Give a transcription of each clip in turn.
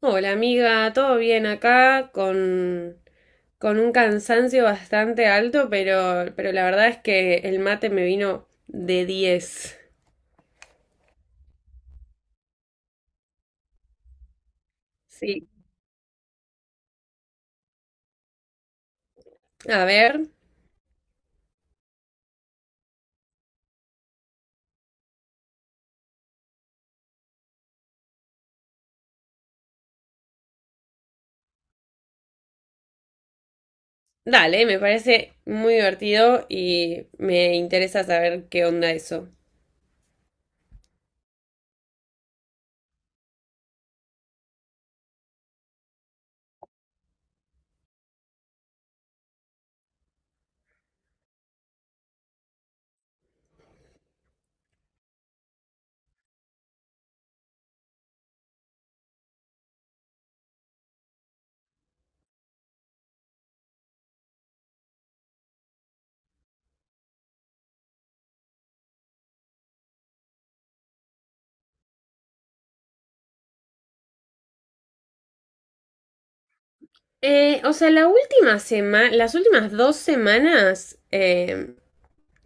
Hola amiga, todo bien acá con un cansancio bastante alto, pero la verdad es que el mate me vino de diez. Sí. A ver, dale, me parece muy divertido y me interesa saber qué onda eso. O sea, la última semana, las últimas dos semanas, eh,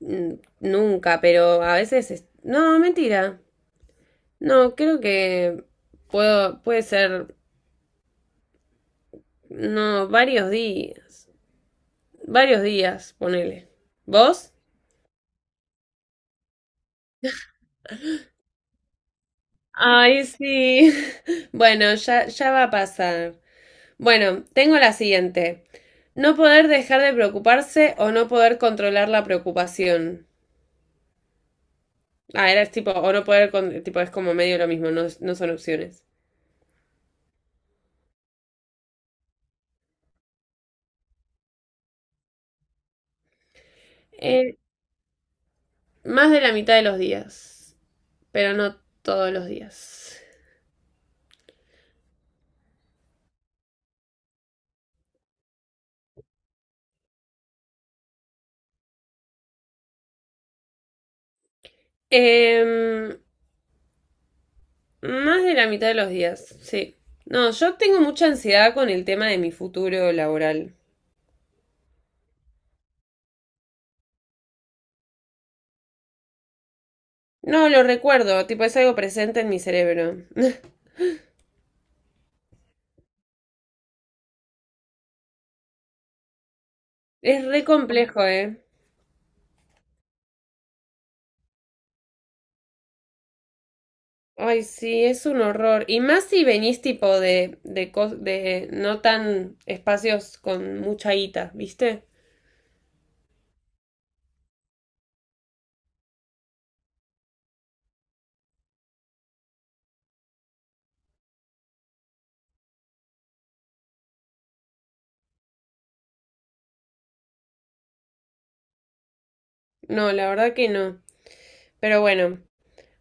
n- nunca, pero a veces no, mentira. No, creo que puede ser. No, varios días. Varios días, ponele. ¿Vos? Ay, sí. Bueno, ya va a pasar. Bueno, tengo la siguiente. No poder dejar de preocuparse o no poder controlar la preocupación. Ah, era tipo, o no poder, tipo, es como medio lo mismo, no son opciones. Eh, más de la mitad de los días, pero no todos los días. Em, Más de la mitad de los días, sí. No, yo tengo mucha ansiedad con el tema de mi futuro laboral. No, lo recuerdo, tipo es algo presente en mi cerebro. Es re complejo, ¿eh? Ay, sí, es un horror. Y más si venís tipo de no tan espacios con mucha guita, ¿viste? No, la verdad que no. Pero bueno,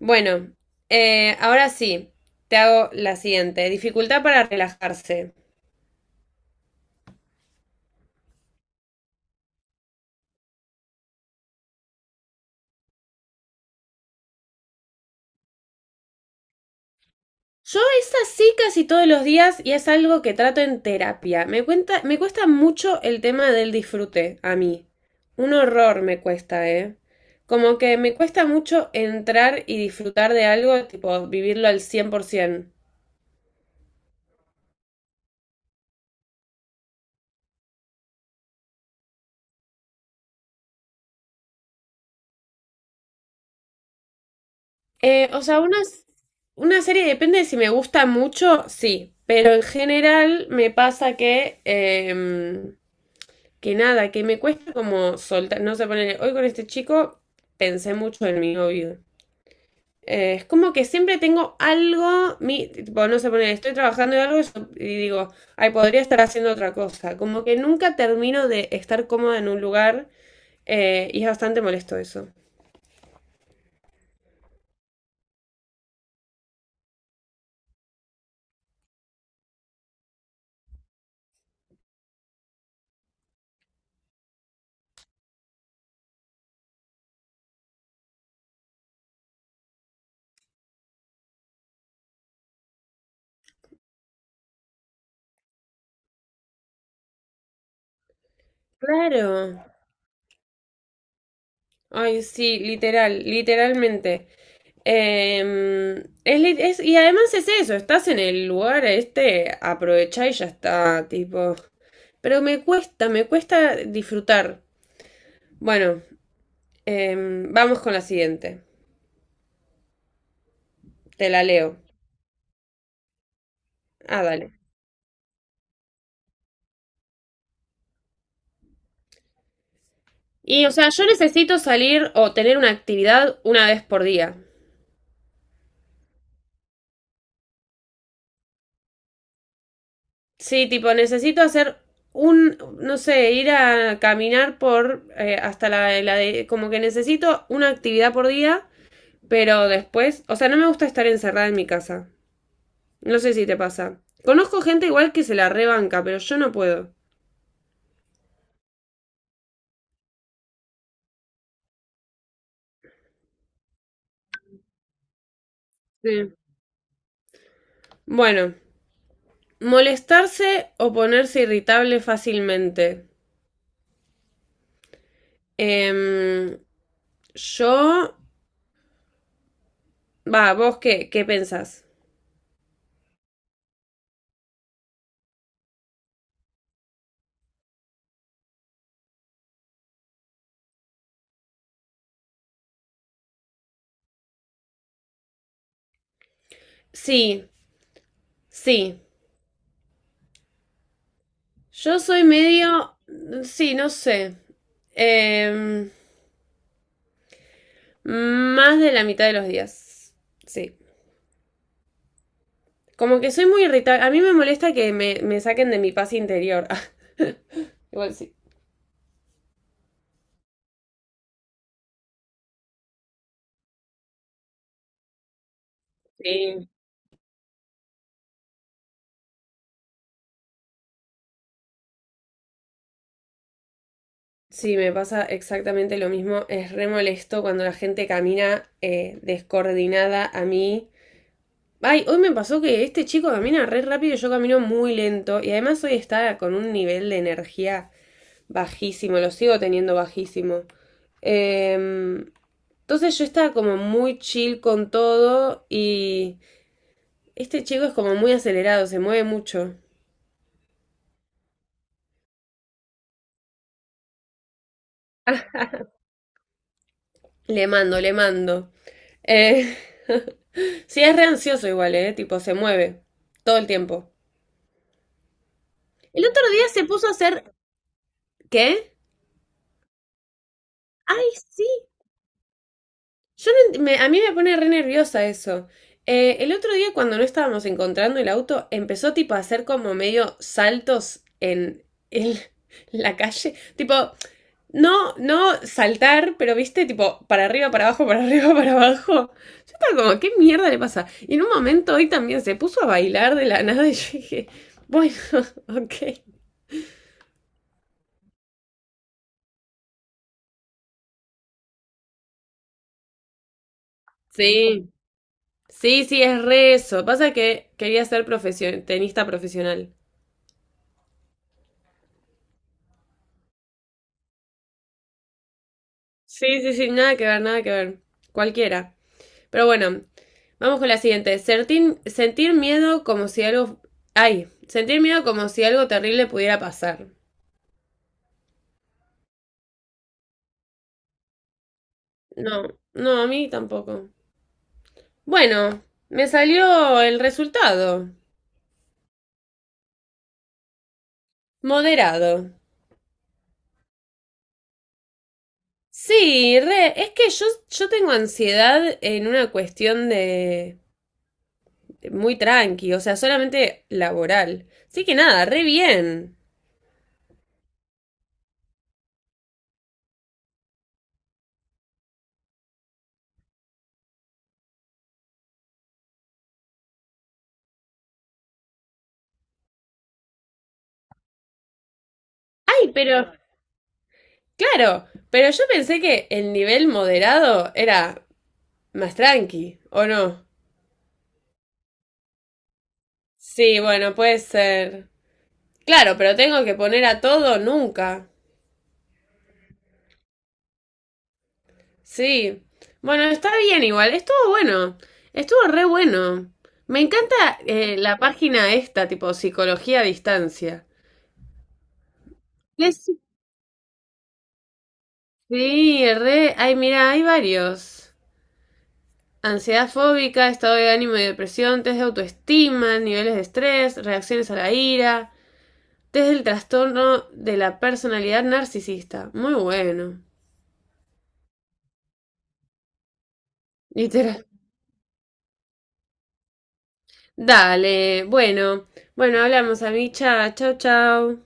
bueno, ahora sí, te hago la siguiente. Dificultad para relajarse. Yo es así casi todos los días y es algo que trato en terapia. Me cuesta mucho el tema del disfrute a mí. Un horror me cuesta, ¿eh? Como que me cuesta mucho entrar y disfrutar de algo, tipo vivirlo al 100%. Eh, o sea, una, una serie depende de si me gusta mucho, sí, pero en general me pasa que, que nada, que me cuesta como soltar, no sé, poner, hoy con este chico pensé mucho en mi novio. Es como que siempre tengo algo, tipo, no sé, poner, estoy trabajando en algo y digo, ay, podría estar haciendo otra cosa. Como que nunca termino de estar cómoda en un lugar, y es bastante molesto eso. Claro. Ay, sí, literal, literalmente. Em, y además es eso, estás en el lugar este, aprovechá y ya está, tipo. Pero me cuesta disfrutar. Bueno, vamos con la siguiente. Te la leo. Ah, dale. Y, o sea, yo necesito salir o tener una actividad una vez por día. Sí, tipo, necesito hacer un, no sé, ir a caminar por hasta como que necesito una actividad por día, pero después, o sea, no me gusta estar encerrada en mi casa. No sé si te pasa. Conozco gente igual que se la rebanca, pero yo no puedo. Sí. Bueno, molestarse o ponerse irritable fácilmente. Em, yo vos qué pensás? Sí, sí. Yo soy medio... Sí, no sé. Em, Más de la mitad de los días. Sí. Como que soy muy irritable. A mí me molesta que me saquen de mi paz interior. Ah, igual sí. Sí. Sí, me pasa exactamente lo mismo. Es re molesto cuando la gente camina descoordinada a mí. Ay, hoy me pasó que este chico camina re rápido y yo camino muy lento. Y además hoy está con un nivel de energía bajísimo, lo sigo teniendo bajísimo. Em, entonces yo estaba como muy chill con todo y este chico es como muy acelerado, se mueve mucho. Le mando, le mando. Eh, sí, es re ansioso igual, ¿eh? Tipo, se mueve todo el tiempo. El otro día se puso a hacer... ¿Qué? Ay, sí, yo no ent- me- a mí me pone re nerviosa eso. El otro día cuando no estábamos encontrando el auto, empezó tipo a hacer como medio saltos en la calle. Tipo, no saltar, pero viste, tipo, para arriba, para abajo, para arriba, para abajo. Yo estaba como, ¿qué mierda le pasa? Y en un momento hoy también se puso a bailar de la nada y yo dije, bueno, ok. Sí, sí, sí, es re eso. Pasa que quería ser tenista profesional. Sí, sí, sí, nada que ver, nada que ver. Cualquiera. Pero bueno, vamos con la siguiente. Sentir miedo como si algo... Ay, sentir miedo como si algo terrible pudiera pasar. No, no, a mí tampoco. Bueno, me salió el resultado. Moderado. Sí, re, es que yo tengo ansiedad en una cuestión de muy tranqui, o sea, solamente laboral. Así que nada, re bien. Ay, pero claro, pero yo pensé que el nivel moderado era más tranqui, ¿o no? Sí, bueno, puede ser. Claro, pero tengo que poner a todo nunca. Sí. Bueno, está bien igual, estuvo bueno, estuvo re bueno. Me encanta la página esta, tipo psicología a distancia. Es- Sí, re. Ay, mira, hay varios. Ansiedad fóbica, estado de ánimo y depresión, test de autoestima, niveles de estrés, reacciones a la ira, desde el trastorno de la personalidad narcisista. Muy bueno. Literal. Dale, bueno, bueno, hablamos, amicha. Chau, chau.